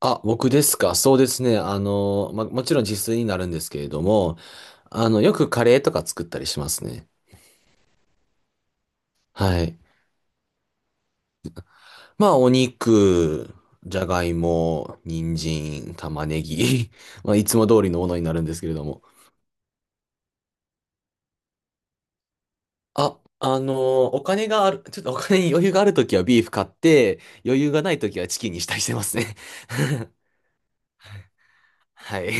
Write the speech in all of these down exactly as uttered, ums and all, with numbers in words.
あ、僕ですか。そうですね。あの、ま、もちろん自炊になるんですけれども、あの、よくカレーとか作ったりしますね。はい。まあ、お肉、じゃがいも、人参、玉ねぎ、まあ、いつも通りのものになるんですけれども。あ、あの、お金がある、ちょっとお金に余裕があるときはビーフ買って、余裕がないときはチキンにしたりしてますね。はい。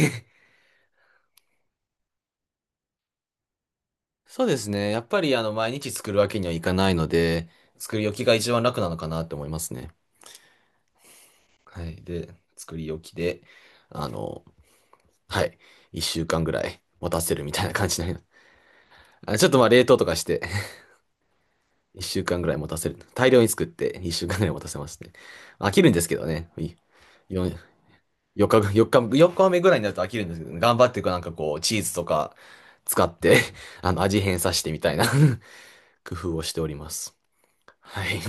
そうですね。やっぱり、あの、毎日作るわけにはいかないので、作り置きが一番楽なのかなって思いますね。はい。で、作り置きで、あの、はい。一週間ぐらい持たせるみたいな感じになります。あ、ちょっとまあ冷凍とかして 一週間ぐらい持たせる。大量に作って一週間ぐらい持たせますね。飽きるんですけどね。いよ4日ぐ、日、よっかめぐらいになると飽きるんですけどね、頑張ってこうなんかこう、チーズとか使って あの、味変させてみたいな 工夫をしております。はい。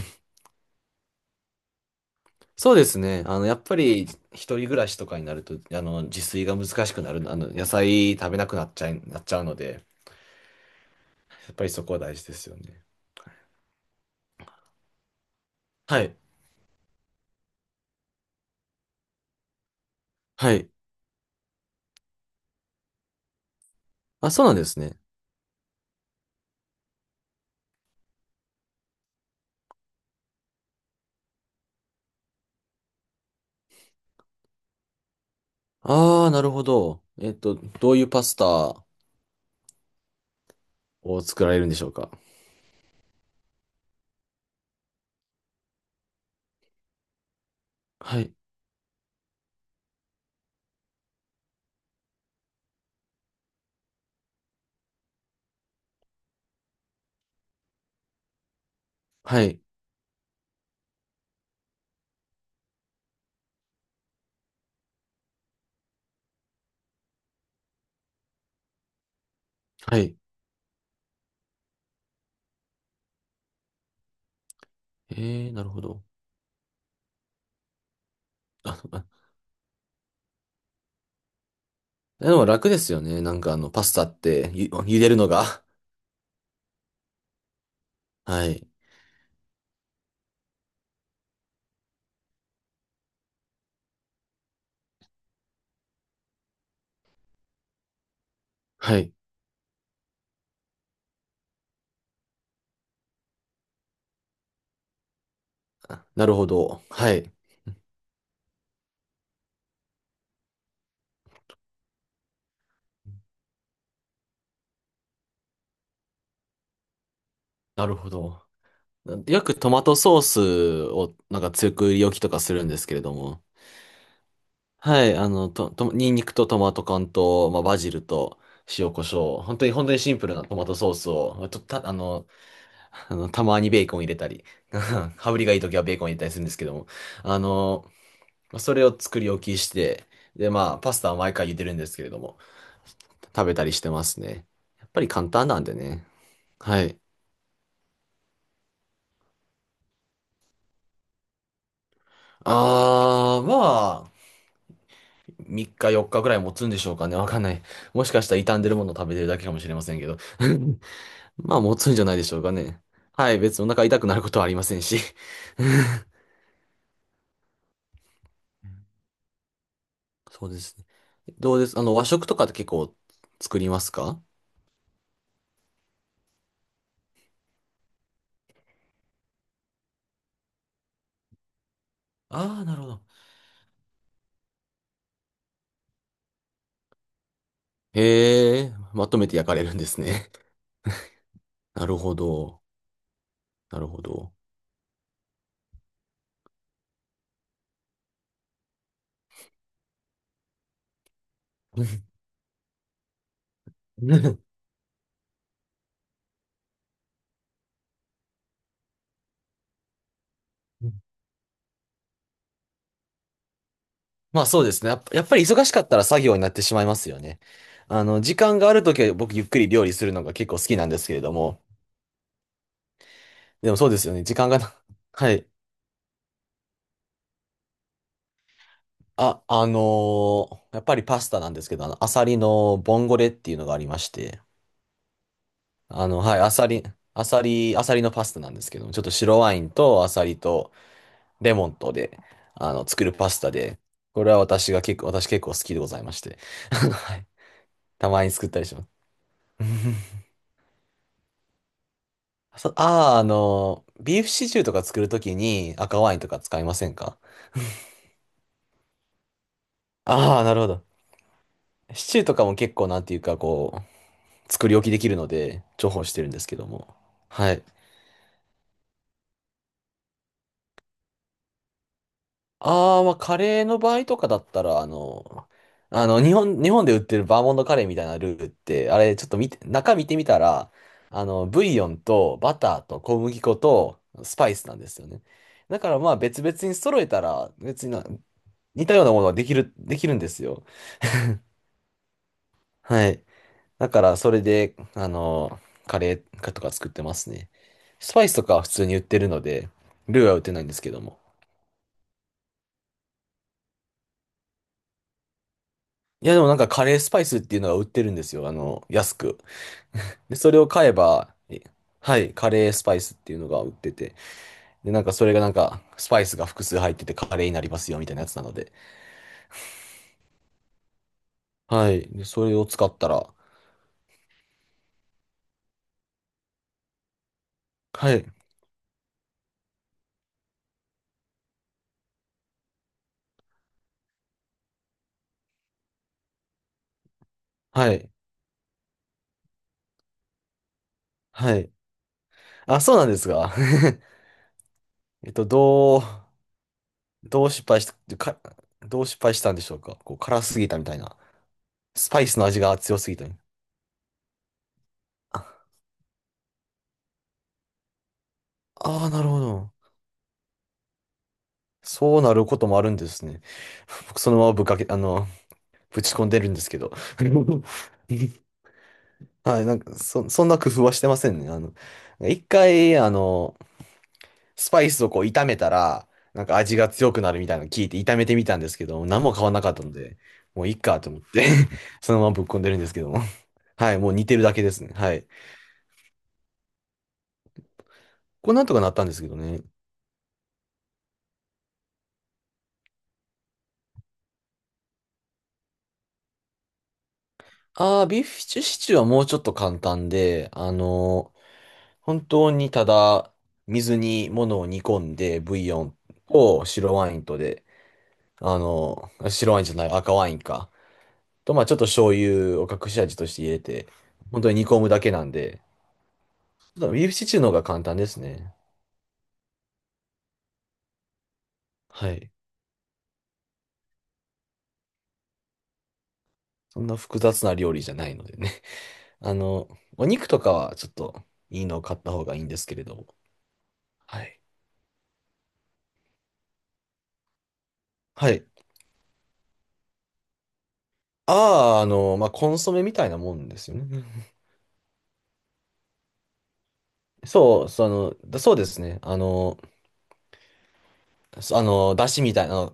そうですね。あの、やっぱり、一人暮らしとかになると、あの、自炊が難しくなる、あの、野菜食べなくなっちゃい、なっちゃうので、やっぱりそこは大事ですよね。はい。はい。あ、そうなんですね。ああ、なるほど。えっと、どういうパスタを作られるんでしょうか。はい。はい。はい。ええ、なるほど。あ、あでも楽ですよね。なんかあの、パスタってゆ、茹でるのが。はい。はい。あなるほど。はい。なるほど。よくトマトソースをなんか強く売り置きとかするんですけれども。はい、あの、と、と、ニンニクとトマト缶と、まあ、バジルと塩コショウ。本当に、本当にシンプルなトマトソースを、と、た、あの、あの、たまにベーコン入れたり、羽振りがいい時はベーコン入れたりするんですけども。あの、まあそれを作り置きして、で、まあ、パスタは毎回茹でるんですけれども、食べたりしてますね。やっぱり簡単なんでね。はい。あー、まあ、みっかよっかぐらい持つんでしょうかね。わかんない。もしかしたら傷んでるものを食べてるだけかもしれませんけど。まあ持つんじゃないでしょうかね。はい、別にお腹痛くなることはありませんし。そうですね。どうですあの、和食とかって結構作りますか？ああー、なるほど。へえ、まとめて焼かれるんですね。なるほど。なるほど。まあそうですね。やっぱやっぱり忙しかったら作業になってしまいますよね。あの、時間があるときは僕ゆっくり料理するのが結構好きなんですけれども、でもそうですよね。時間がな、はい。あ、あのーやっぱりパスタなんですけど、あの、アサリのボンゴレっていうのがありまして、あの、はい、アサリ、アサリ、アサリのパスタなんですけど、ちょっと白ワインとアサリとレモンとで、あの、作るパスタで、これは私が結構、私結構好きでございまして、はい。たまに作ったりします。そああ、あのー、ビーフシチューとか作るときに赤ワインとか使いませんか？ああー、なるほど。シチューとかも結構なんていうかこ作り置きできるので、重宝してるんですけども。はい。ああ、まあ、カレーの場合とかだったら、あの、あの、日本、日本で売ってるバーモントカレーみたいなルーって、あれ、ちょっと見て、中見てみたら、あの、ブイヨンとバターと小麦粉とスパイスなんですよね。だからまあ別々に揃えたら、別にな似たようなものができる、できる、んですよ。はい。だからそれで、あの、カレーとか作ってますね。スパイスとかは普通に売ってるので、ルーは売ってないんですけども。いや、でもなんかカレースパイスっていうのが売ってるんですよ。あの、安く。で、それを買えば、えはい、カレースパイスっていうのが売ってて。で、なんかそれがなんか、スパイスが複数入っててカレーになりますよ、みたいなやつなので。はい。で、それを使ったら、はい、はい、はい。あ、そうなんですが。えっと、どう、どう失敗した、か、どう失敗したんでしょうか。こう、辛すぎたみたいな。スパイスの味が強すぎたみたいな。ああー、なるほど。そうなることもあるんですね。僕、そのままぶっかけ、あの、ぶち込んでるんですけど。はい、なんか、そ、そんな工夫はしてませんね。あの、いっかい、あの、スパイスをこう炒めたら、なんか味が強くなるみたいなの聞いて炒めてみたんですけど、何も変わらなかったので、もういいかと思って そのままぶっ込んでるんですけども。はい、もう煮てるだけですね。はい。これなんとかなったんですけどね。あー、ビーフシチューシチューはもうちょっと簡単で、あの、本当にただ、水に物を煮込んで、ブイヨンと白ワインとで、あの、白ワインじゃない、赤ワインか。と、まあちょっと醤油を隠し味として入れて、本当に煮込むだけなんで、ちょっとビーフシチューの方が簡単ですね。はい。そんな複雑な料理じゃないのでね。あの、お肉とかはちょっといいのを買った方がいいんですけれども。はい。はい。ああ、あの、まあコンソメみたいなもんですよね。そう、その、だそうですね。あの、そあの、だしみたいな、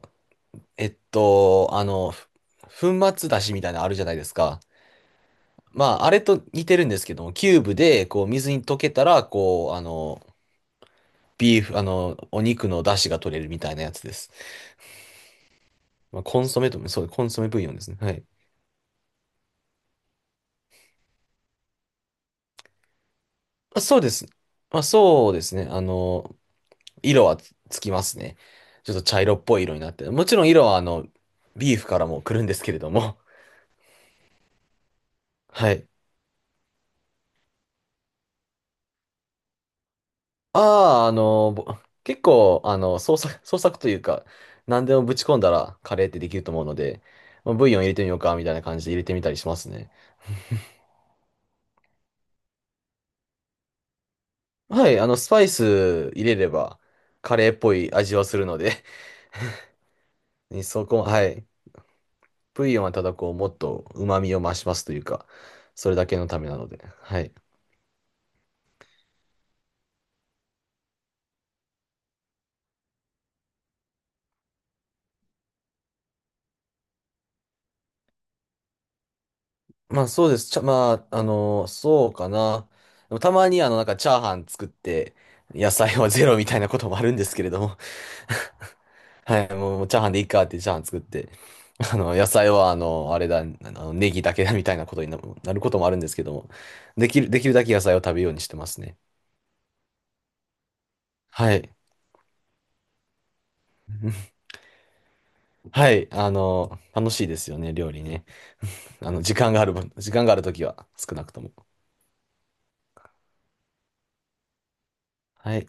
えっと、あの、ふ粉末だしみたいなのあるじゃないですか。まあ、あれと似てるんですけども、キューブで、こう、水に溶けたら、こう、あの、ビーフ、あの、お肉の出汁が取れるみたいなやつです。まあ、コンソメとも、そう、コンソメブイヨンですね。はい。まあ、そうです。まあ、そうですね。あの、色はつきますね。ちょっと茶色っぽい色になって。もちろん色は、あの、ビーフからも来るんですけれども。はい。ああ、あの、ぼ結構、あの、創作、創作というか、何でもぶち込んだらカレーってできると思うので、まあブイヨン入れてみようか、みたいな感じで入れてみたりしますね。はい、あの、スパイス入れれば、カレーっぽい味はするので そこは、い。ブイヨンはただこう、もっと旨味を増しますというか、それだけのためなので。はい。まあ、そうです。ちゃ、まあ、あの、そうかな。でもたまに、あの、なんか、チャーハン作って、野菜はゼロみたいなこともあるんですけれども。はい、もう、もうチャーハンでいいかってチャーハン作って、あの、野菜は、あの、あれだ、あの、ネギだけだみたいなことにななることもあるんですけども、できる、できるだけ野菜を食べようにしてますね。はい。はい。あの、楽しいですよね、料理ね。あの、時間がある分、時間があるときは、少なくとも。はい。